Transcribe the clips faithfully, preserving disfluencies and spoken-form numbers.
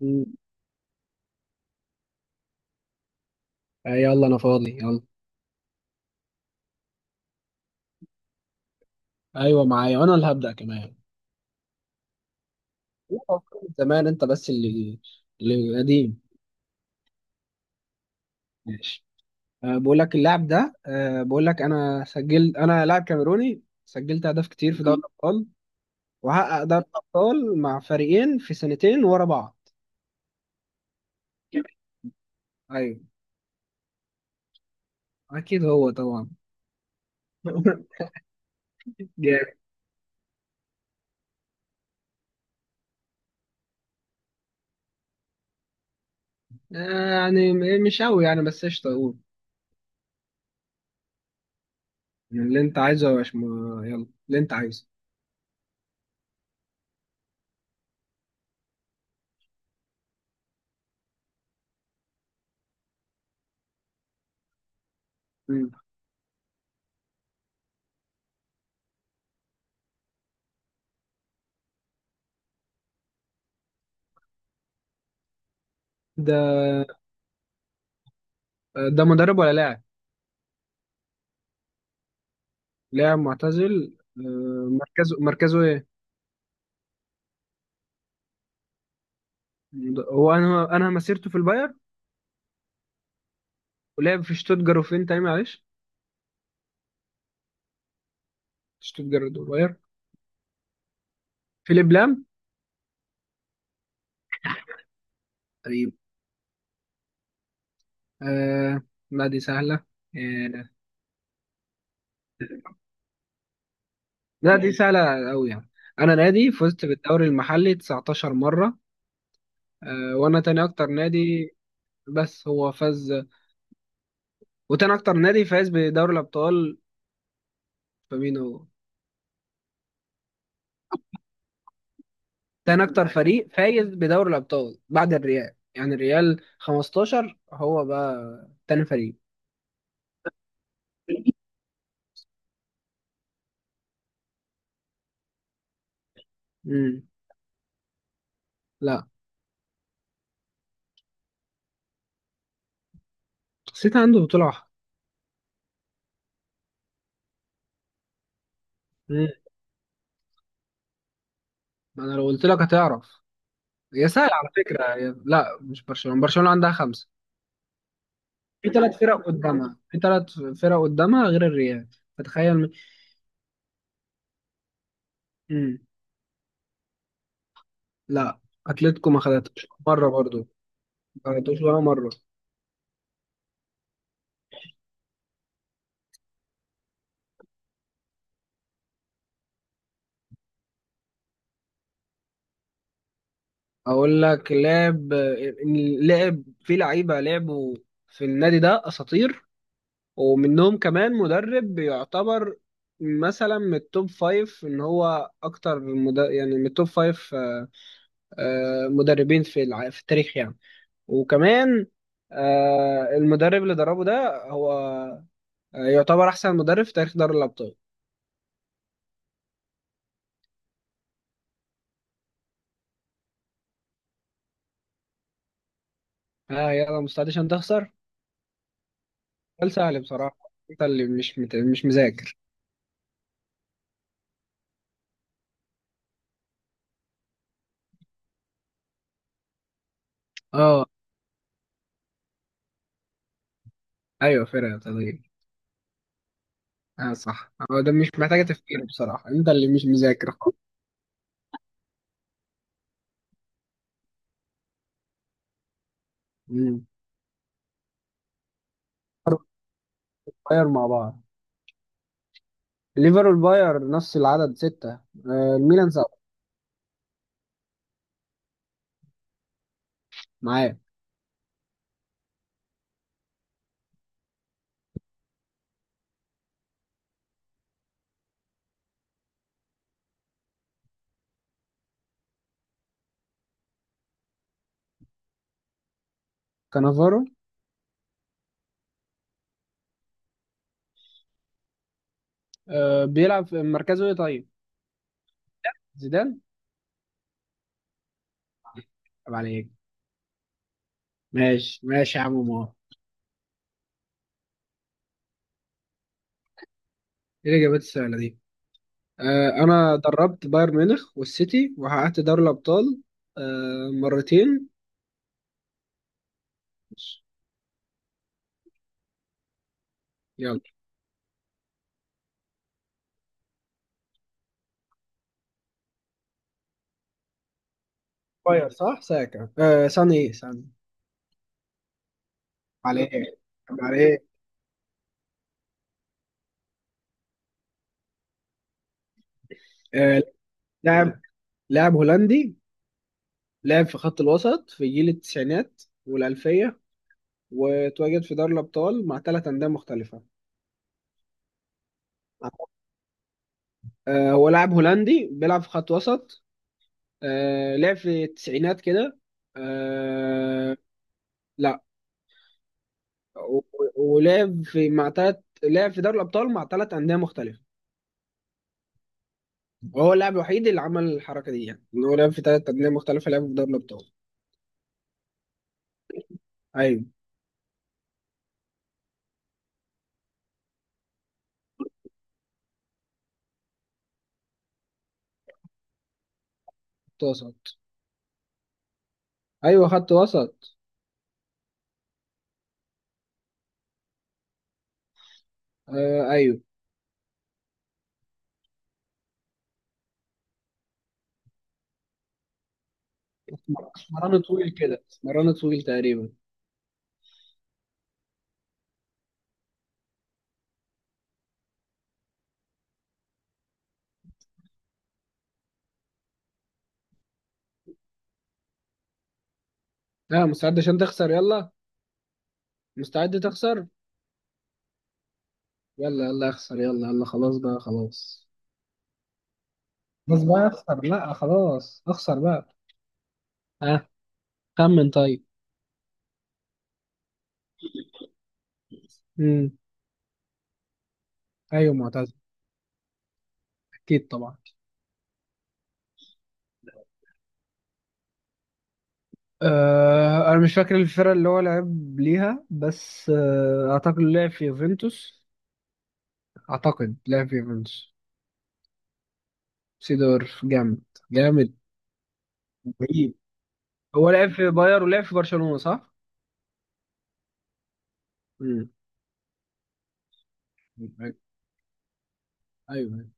مم. آه، يلا انا فاضي يلا. ايوه معايا، وانا اللي هبدأ كمان. لا، أفكار من زمان، انت بس اللي اللي قديم. ماشي. أه بقول لك اللاعب ده. أه بقول لك، انا سجلت انا لاعب كاميروني سجلت اهداف كتير في دوري الابطال. وحقق دوري الابطال مع فريقين في سنتين ورا بعض. ايوه، اكيد هو طبعا. جامد. آه، يعني م- مش قوي يعني، بس قشطه اقول. يعني اللي انت عايزه يا باشمهندس، يلا اللي انت عايزه. مم. ده آه، ده مدرب ولا لاعب؟ لاعب معتزل. آه، مركزه مركزه ايه؟ هو انا انا مسيرته في الباير، ولعب في شتوتجارت، وفين تاني معلش؟ شتوتجارت والباير. فيليب لام. قريب. آه. لا دي سهلة. آه. لا دي سهلة أوي يعني. أنا نادي فزت بالدوري المحلي تسعتاشر مرة. آه، وأنا تاني أكتر نادي، بس هو فاز. وتاني أكتر نادي فاز بدوري الأبطال، فمين هو؟ تاني أكتر فريق فايز بدوري الأبطال بعد الريال، يعني الريال خمستاشر، هو بقى تاني فريق. امم. لا. سيتي عنده بطولة واحدة. امم. ما انا لو قلت لك هتعرف. هي سهلة على فكرة، هي... لا، مش برشلونة. برشلونة عندها خمسة. في ثلاث فرق قدامها في ثلاث فرق قدامها غير الريال، فتخيل. امم. لا. اتلتيكو ما خدتش مرة برضو. ما خدتوش ولا مرة. اقول لك، لعب. إن لعب في لعيبة، لعبوا في النادي ده اساطير. ومنهم كمان مدرب يعتبر، مثلا من التوب فايف. ان هو اكتر مد... يعني من التوب فايف آه، مدربين في الع- في التاريخ يعني. وكمان آه، المدرب اللي دربه ده هو آه، يعتبر احسن مدرب في تاريخ دوري الابطال. ها يلا، مستعد عشان تخسر؟ سؤال سهل بصراحه، انت اللي مش مت... مش مذاكر. اه. ايوه فرقه طبيعي. اه صح، هو ده مش محتاجه تفكير بصراحه، انت اللي مش مذاكر خالص. مم. ليفر باير مع بعض. ليفر والباير نفس العدد سته. آه، الميلان سبعه. معاه. كانافارو. آه، بيلعب في مركزه ايه طيب؟ زيدان. طب عليك. ماشي ماشي يا عم مار. ايه الاجابات السهله دي؟ آه، انا دربت بايرن ميونخ والسيتي، وحققت دوري الابطال آه مرتين. يلا. باير صح، ساكا آه ساني، ايه ساني. عليه. عليه. آه، لاعب لاعب هولندي، لعب في خط الوسط في جيل التسعينات والألفية، وتواجد في دوري الأبطال مع ثلاث أندية مختلفة. آه، هو لاعب هولندي بيلعب في خط وسط. آه، لعب في التسعينات كده. آه. لا. و- ولعب في مع تلات لعب في دوري الأبطال مع تلات أندية مختلفة. وهو اللاعب الوحيد اللي عمل الحركة دي، يعني إن هو لعب في تلات أندية مختلفة، لعب في دوري الأبطال. أيوه خط وسط. أيوه خط وسط. آه أيوه. اسمر- اسمراني طويل كده، اسمراني طويل تقريبا. ها آه، مستعد عشان تخسر؟ يلا، مستعد تخسر. يلا يلا اخسر. يلا يلا خلاص بقى خلاص. خلاص بقى اخسر، لا خلاص اخسر بقى. ها آه. خمن طيب. امم. ايوه معتز. اكيد طبعا. آه، انا مش فاكر الفرقه اللي هو لعب ليها، بس آه، اعتقد لعب في يوفنتوس. اعتقد لعب في يوفنتوس. سيدورف. جامد. جامد رهيب. هو لعب في باير ولعب في برشلونه، صح؟ مم. ايوه. أيوة.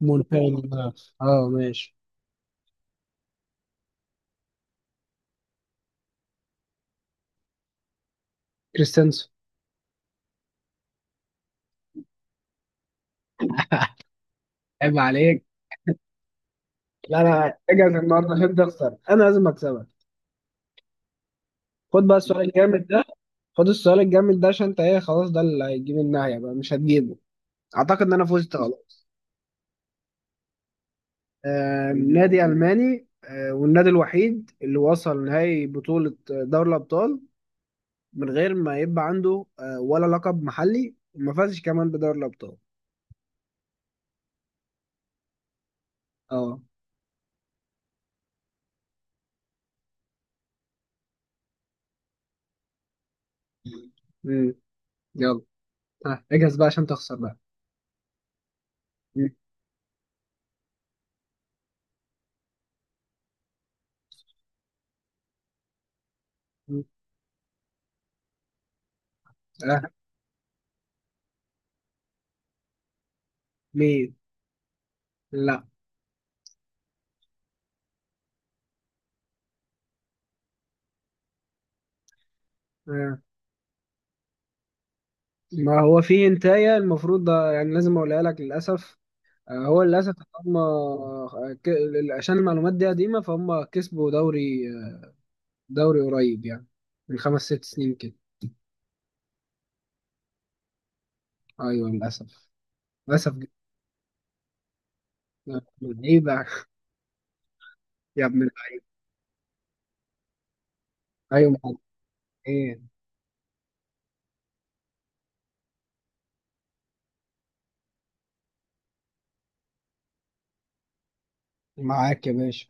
مونتاج. اه ماشي. كريستنسو. عيب عليك. لا لا، اجهز النهارده عشان تخسر، انا لازم اكسبك. خد بقى السؤال الجامد ده. خد السؤال الجامد ده، عشان انت ايه، خلاص ده اللي هيجيب النهايه بقى، مش هتجيبه. اعتقد ان انا فزت خلاص. آه، نادي ألماني، آه، والنادي الوحيد اللي وصل نهائي بطولة دوري الأبطال من غير ما يبقى عنده آه، ولا لقب محلي، وما فازش كمان بدوري الأبطال. اه. مم. يلا. آه، اجهز بقى عشان تخسر بقى. مم. مم. آه. مين؟ لا. آه. ما هو في هنتاية المفروض ده، يعني لازم اقولها لك للأسف. آه، هو للأسف. هم آه، ك- عشان المعلومات دي قديمة، فهم كسبوا دوري آه، دوري قريب يعني، من خمس ست سنين كده. ايوه للأسف. للأسف جدا. لعيبة. يا ابن اللعيبة. أيوة معاك. إيه. معاك يا باشا.